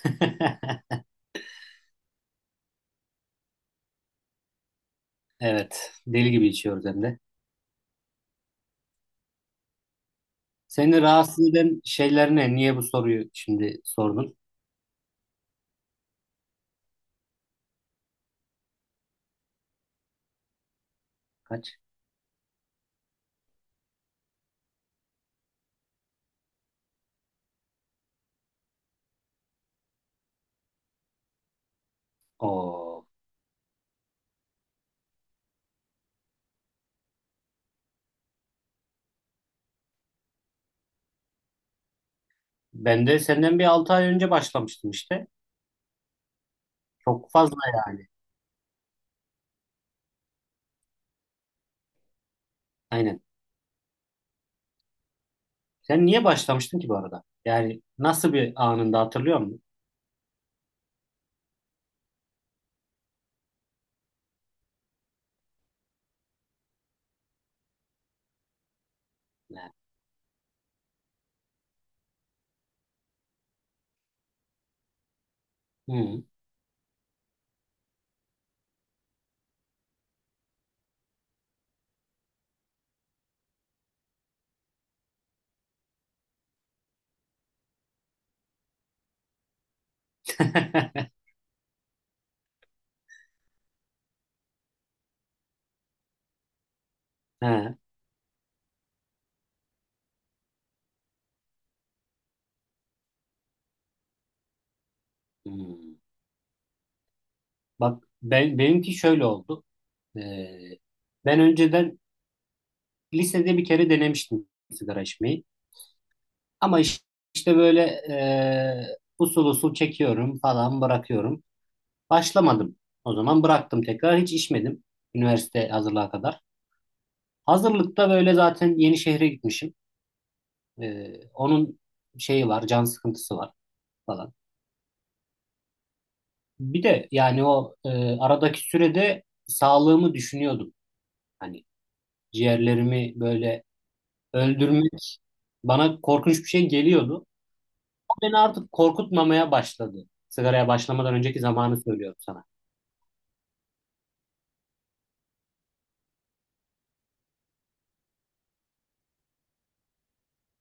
Evet. Deli gibi içiyoruz hem de. Seni rahatsız eden şeyler ne? Niye bu soruyu şimdi sordun? Kaç? Oo. Ben de senden bir 6 ay önce başlamıştım işte. Çok fazla yani. Aynen. Sen niye başlamıştın ki bu arada? Yani nasıl bir anında hatırlıyor musun? Yani. Hı. Ha. Hmm. Bak ben benimki şöyle oldu. Ee, Ben önceden lisede bir kere denemiştim sigara içmeyi. Ama işte böyle usul usul çekiyorum falan bırakıyorum. Başlamadım. O zaman bıraktım tekrar. Hiç içmedim. Üniversite hazırlığa kadar. Hazırlıkta böyle zaten yeni şehre gitmişim. Onun şeyi var, can sıkıntısı var falan. Bir de yani o aradaki sürede sağlığımı düşünüyordum. Hani ciğerlerimi böyle öldürmek bana korkunç bir şey geliyordu. O beni artık korkutmamaya başladı. Sigaraya başlamadan önceki zamanı söylüyorum sana.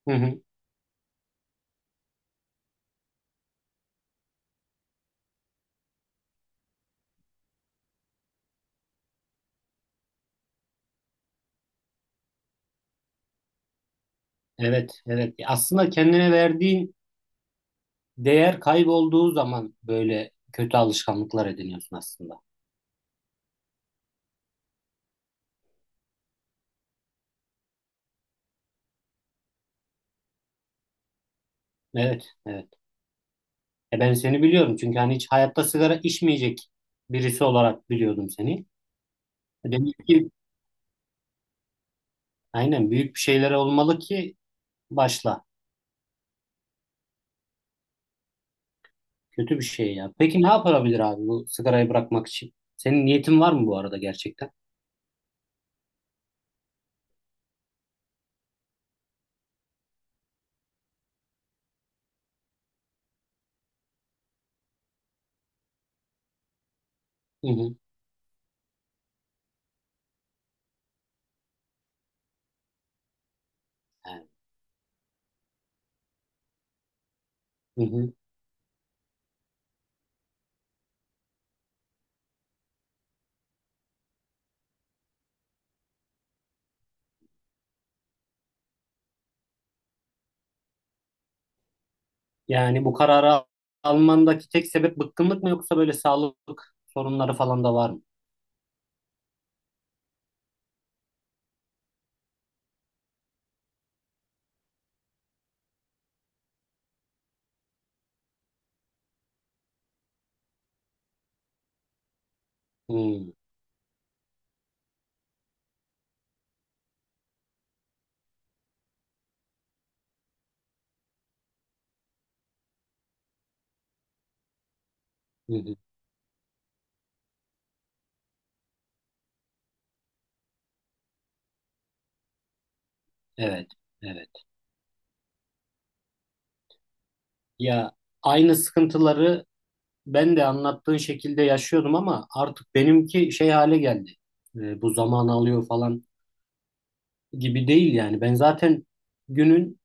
Hı hı. Evet, evet. Aslında kendine verdiğin değer kaybolduğu zaman böyle kötü alışkanlıklar ediniyorsun aslında. Evet, evet. Ben seni biliyorum çünkü hani hiç hayatta sigara içmeyecek birisi olarak biliyordum seni. Demek ki aynen büyük bir şeyler olmalı ki başla. Kötü bir şey ya. Peki ne yapılabilir abi bu sigarayı bırakmak için? Senin niyetin var mı bu arada gerçekten? Hı hı. Evet. Hı hı. Yani bu kararı almandaki tek sebep bıkkınlık mı yoksa böyle sağlık sorunları falan da var mı? Hmm, hı hı. Evet, evet. Ya aynı sıkıntıları ben de anlattığın şekilde yaşıyordum ama artık benimki şey hale geldi. Bu zaman alıyor falan gibi değil yani. Ben zaten günün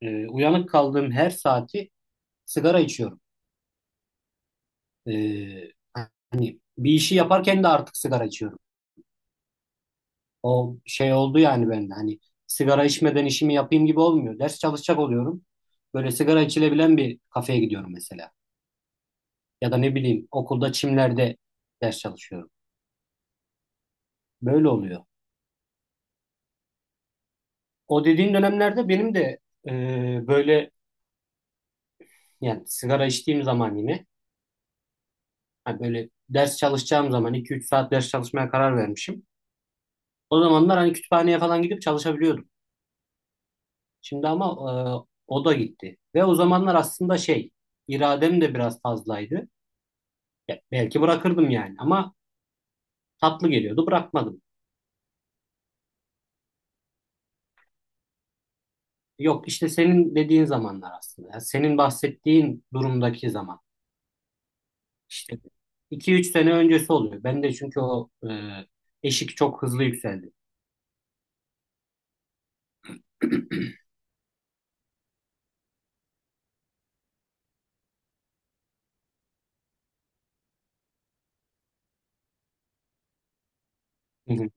uyanık kaldığım her saati sigara içiyorum. E, Bir işi yaparken de artık sigara içiyorum. O şey oldu yani bende. Hani sigara içmeden işimi yapayım gibi olmuyor. Ders çalışacak oluyorum. Böyle sigara içilebilen bir kafeye gidiyorum mesela. Ya da ne bileyim okulda çimlerde ders çalışıyorum. Böyle oluyor. O dediğin dönemlerde benim de e, böyle yani sigara içtiğim zaman yine hani böyle ders çalışacağım zaman 2 3 saat ders çalışmaya karar vermişim. O zamanlar hani kütüphaneye falan gidip çalışabiliyordum. Şimdi ama o da gitti. Ve o zamanlar aslında şey iradem de biraz fazlaydı. Ya, belki bırakırdım yani ama tatlı geliyordu bırakmadım. Yok işte senin dediğin zamanlar aslında. Ya senin bahsettiğin durumdaki zaman. İşte 2 3 sene öncesi oluyor. Ben de çünkü o eşik çok hızlı yükseldi. Hı hı.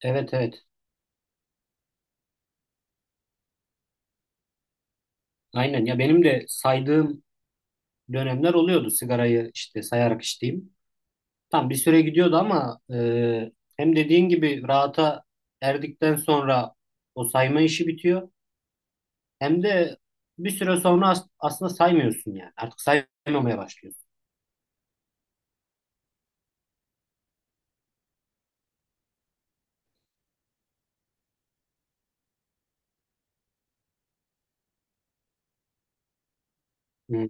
Evet evet. Aynen ya benim de saydığım dönemler oluyordu sigarayı işte sayarak içtiğim. Tam bir süre gidiyordu ama hem dediğin gibi rahata erdikten sonra o sayma işi bitiyor. Hem de bir süre sonra aslında saymıyorsun yani. Artık saymamaya başlıyorsun. Hı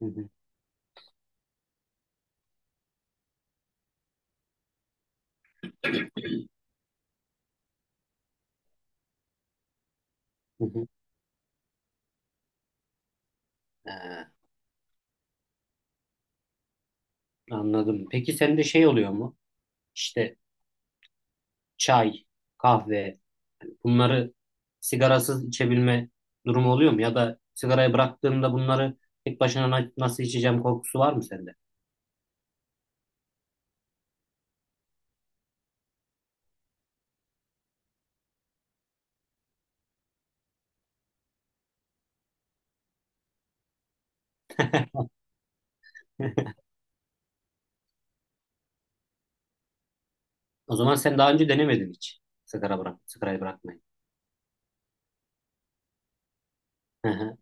hı hı. Hı. Ha, anladım. Peki sende şey oluyor mu? İşte. Çay, kahve yani bunları sigarasız içebilme durumu oluyor mu? Ya da sigarayı bıraktığımda bunları tek başına nasıl içeceğim korkusu var mı sende? O zaman sen daha önce denemedin hiç sigarayı bırakmayı. Hı hı.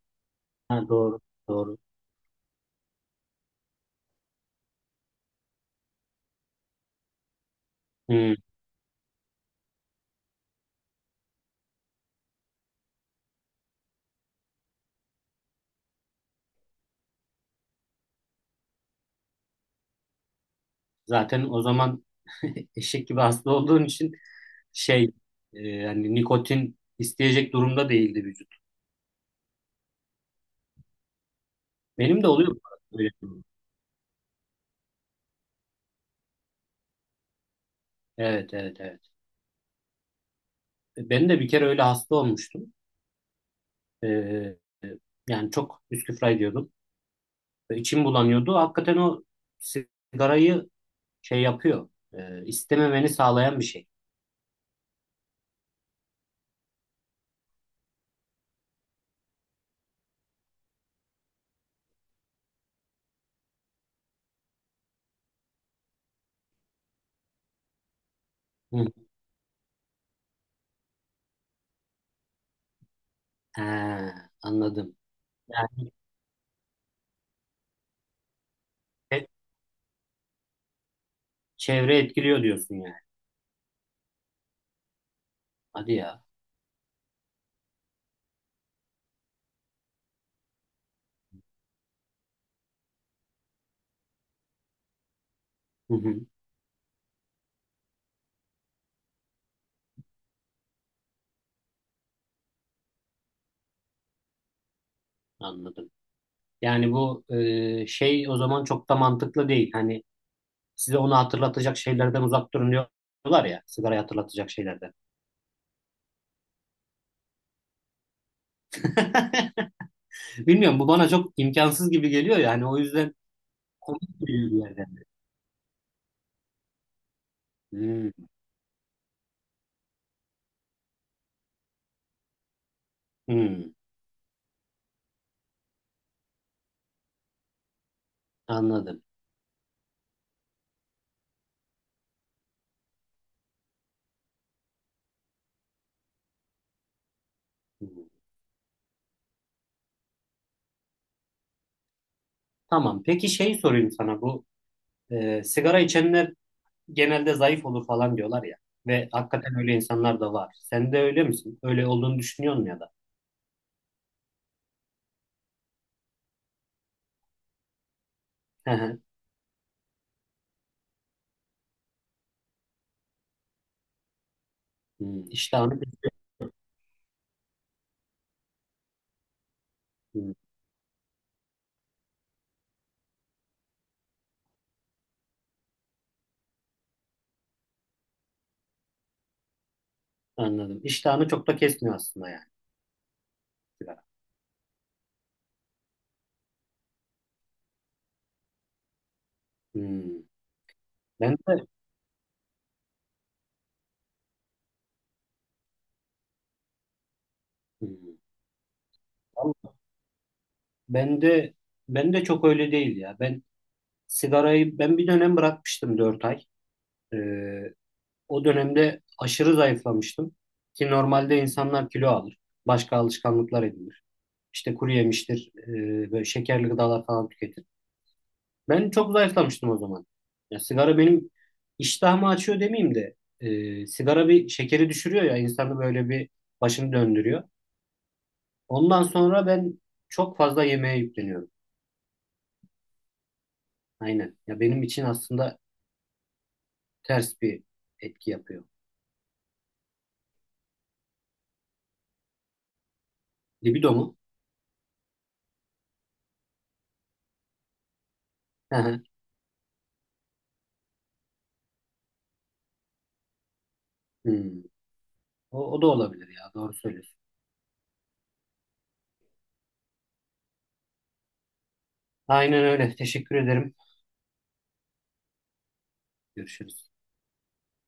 Ha, doğru, doğru. Hmm, zaten o zaman eşek gibi hasta olduğun için şey yani nikotin isteyecek durumda değildi vücut. Benim de oluyor bu arada böyle bir durum. Evet, evet, evet. Ben de bir kere öyle hasta olmuştum. Ee, Yani çok üsküfra ediyordum. Ve İçim bulanıyordu. Hakikaten o sigarayı şey yapıyor. İstememeni sağlayan bir şey. Hı. He, anladım. Yani e- çevre etkiliyor diyorsun yani. Hadi ya. Hı hı, anladım. Yani bu şey o zaman çok da mantıklı değil. Hani size onu hatırlatacak şeylerden uzak durun diyorlar ya. Sigarayı hatırlatacak şeylerden. Bilmiyorum bu bana çok imkansız gibi geliyor yani o yüzden komik geliyor bir yerden. Hmm, hmm. Anladım. Hmm. Tamam. Peki şey sorayım sana bu sigara içenler genelde zayıf olur falan diyorlar ya ve hakikaten öyle insanlar da var. Sen de öyle misin? Öyle olduğunu düşünüyor musun ya da? Hı hı. Hmm. İştahını hmm. Anladım. İştahını çok da kesmiyor aslında yani sigara. Hmm. Ben de hmm. Vallahi ben de ben de çok öyle değil ya. Ben bir dönem bırakmıştım 4 ay. Ee, O dönemde aşırı zayıflamıştım ki normalde insanlar kilo alır. Başka alışkanlıklar edinir. İşte kuru yemiştir, böyle şekerli gıdalar falan tüketir. Ben çok zayıflamıştım o zaman. Ya sigara benim iştahımı açıyor demeyeyim de sigara bir şekeri düşürüyor ya insanı böyle bir başını döndürüyor. Ondan sonra ben çok fazla yemeğe yükleniyorum. Aynen. Ya benim için aslında ters bir etki yapıyor. Libido mu? Hı hı. Hmm. O, o da olabilir ya. Doğru söylüyorsun. Aynen öyle. Teşekkür ederim. Görüşürüz.